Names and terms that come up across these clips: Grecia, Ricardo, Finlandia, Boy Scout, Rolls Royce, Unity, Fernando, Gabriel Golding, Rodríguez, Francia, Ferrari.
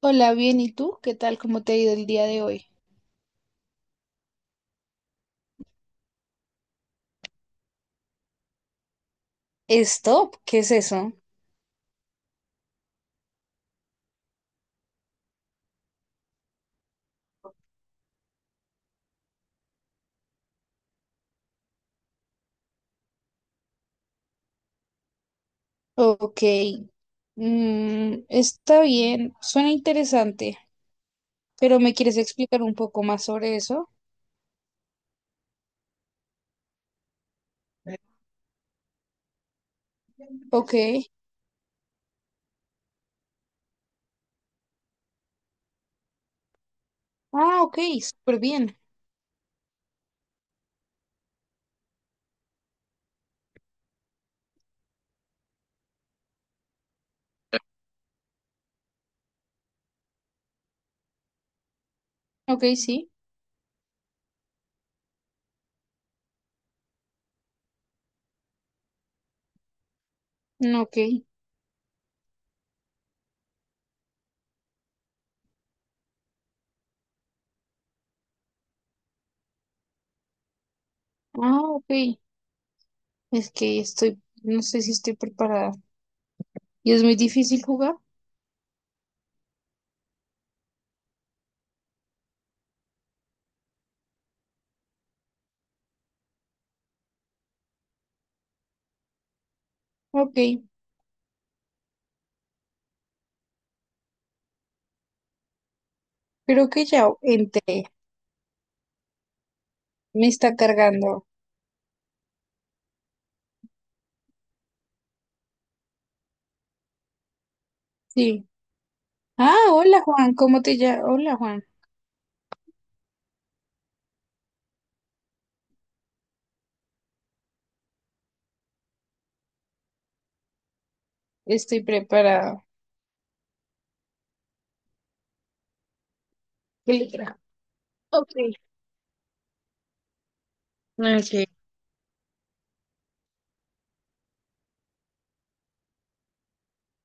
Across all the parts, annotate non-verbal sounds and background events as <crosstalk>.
Hola, bien, ¿y tú? ¿Qué tal? ¿Cómo te ha ido el día de hoy? Stop, ¿qué es eso? Ok, está bien, suena interesante, pero ¿me quieres explicar un poco más sobre eso? Ok, ah, ok, súper bien, ok, sí, mm, ok, ah, ok, es que estoy, no sé si estoy preparada y es muy difícil jugar, ok, creo que ya entré, me está cargando, sí, ah, hola Juan, ¿cómo te llamas? Hola Juan, estoy preparada. Literal. Ok. Ok.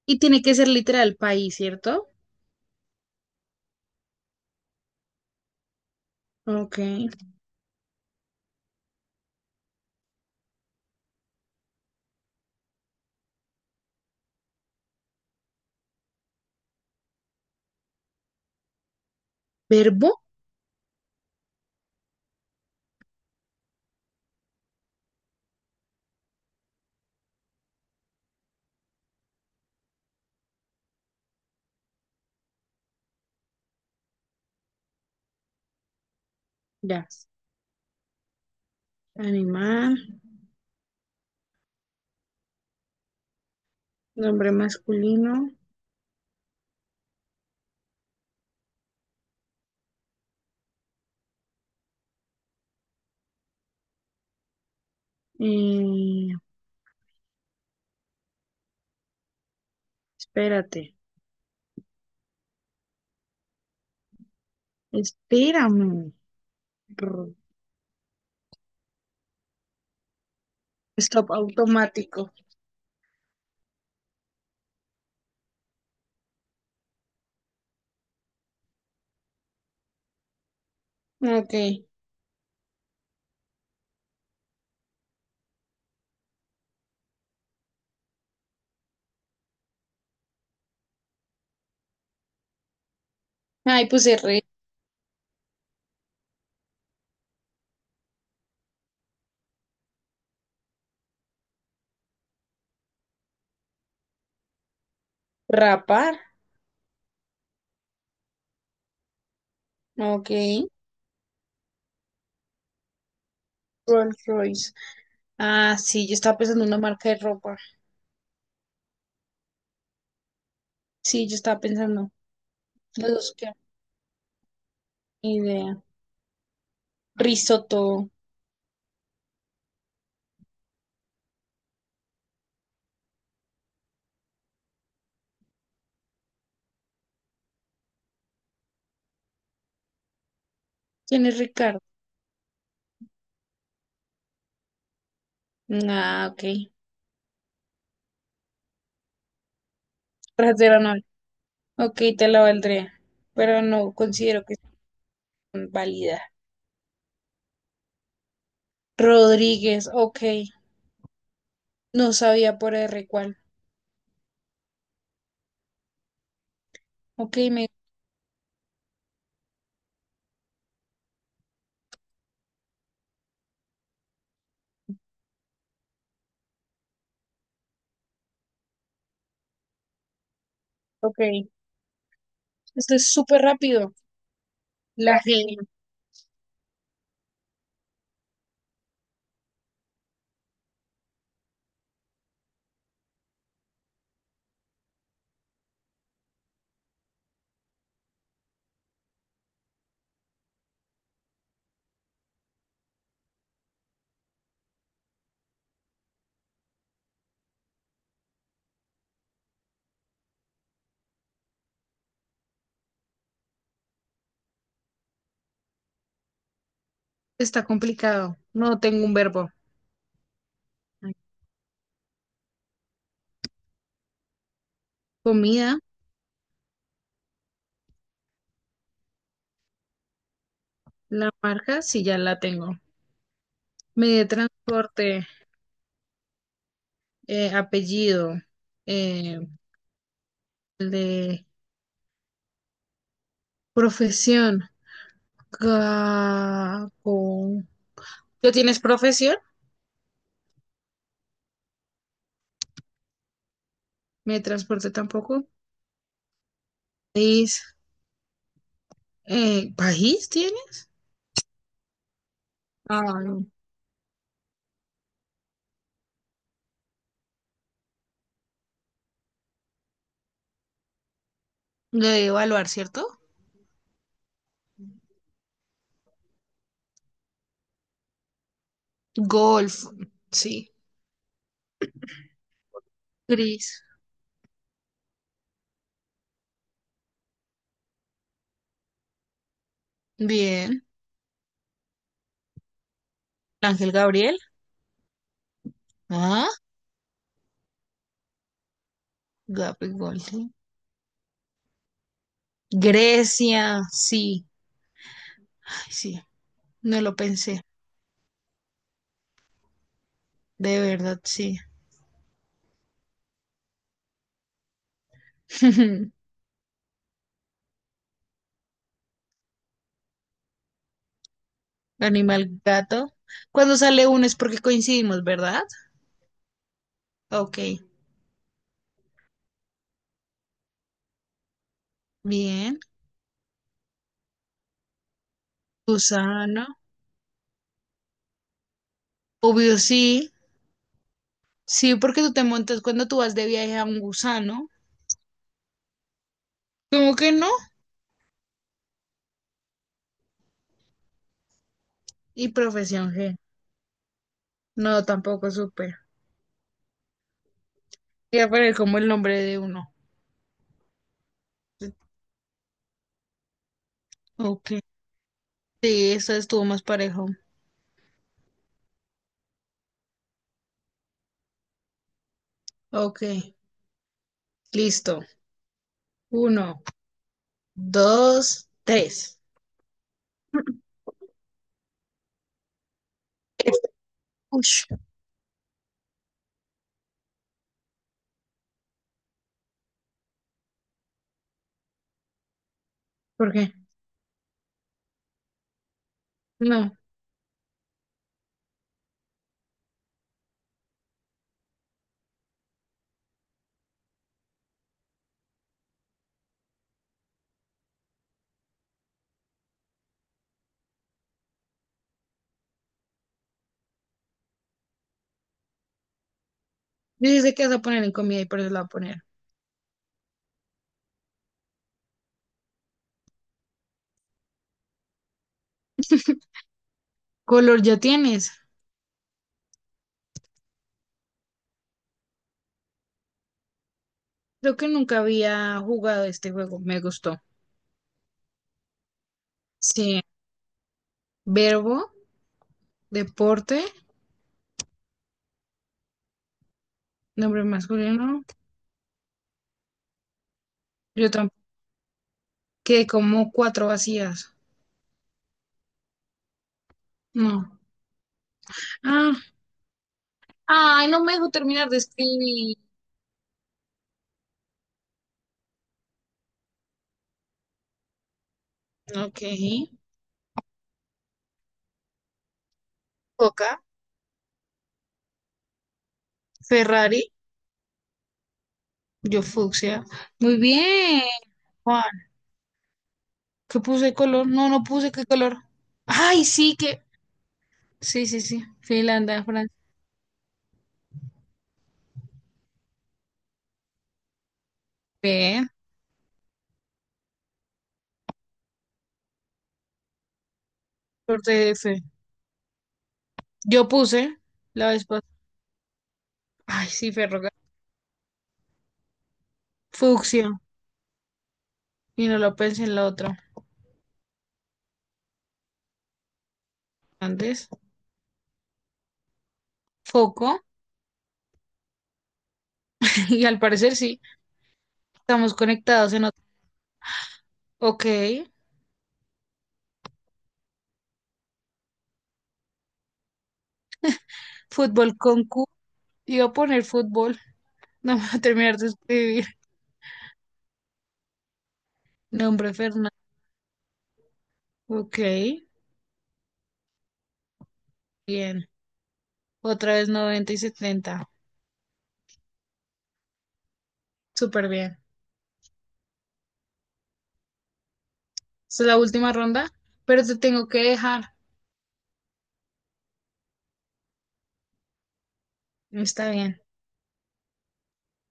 Y tiene que ser literal país, ¿cierto? Ok. Verbo, ya. Animal, nombre masculino. eh, espérate. Espérame. Rr, stop automático. Ok. Ay, puse re- rapar. Ok. Rolls Royce. Ah, sí, yo estaba pensando en una marca de ropa. Sí, yo estaba pensando. Los dos, qué idea. Risotto. ¿Quién es Ricardo? Ah, ok. Rajas de la novia. Ok, te la valdría, pero no considero que sea válida. Rodríguez, ok. No sabía por R cuál. Ok, ok. Esto es súper rápido. La G está complicado. No tengo un verbo. Comida, la marca, sí, ya la tengo. Medio de transporte, apellido, eh, el de profesión. Ga- con- ¿Tú tienes profesión? Medio de transporte tampoco. País, ¿país tienes? Ah, no. Lo de evaluar, ¿cierto? Golf, sí. Gris, bien. Ángel Gabriel, ah, Gabriel Golding. Grecia, sí. Ay, sí, no lo pensé. De verdad, sí. <laughs> Animal gato. Cuando sale uno es porque coincidimos, ¿verdad? Ok, bien. Gusano, obvio sí. Sí, porque tú te montas cuando tú vas de viaje a un gusano. ¿Cómo que no? Y profesión G. No, tampoco supe. Ya poner como el nombre de uno. Ok. Sí, esa estuvo más parejo. Ok, listo. Uno, dos, tres. Ush, ¿por qué? No. Dice que vas a poner en comida y por eso la voy a poner. Color ya tienes. Creo que nunca había jugado este juego. Me gustó. Sí. Verbo, deporte, nombre masculino. Yo tampoco. Quedé como cuatro vacías. No. Ah, ay, no me dejo terminar de escribir. Ok. Coca, Ferrari, yo fucsia. Muy bien, Juan. ¿Qué puse color? No, no puse qué color. Ay, sí que. Sí, sí, sí. Finlandia, Francia. Bien. Corte de F. Yo puse la vez pas- ay, sí, ferroga. Fucsia. Y no lo pensé en la otra. Antes. Foco. <laughs> Y al parecer sí. Estamos conectados en otro. Ok. Fútbol con Q. Iba a poner fútbol. <laughs> No me voy a terminar de escribir. Nombre Fernando. Ok. Bien. Otra vez 90-70. Súper bien. Esta es la última ronda, pero te tengo que dejar. Está bien.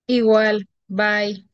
Igual. Bye.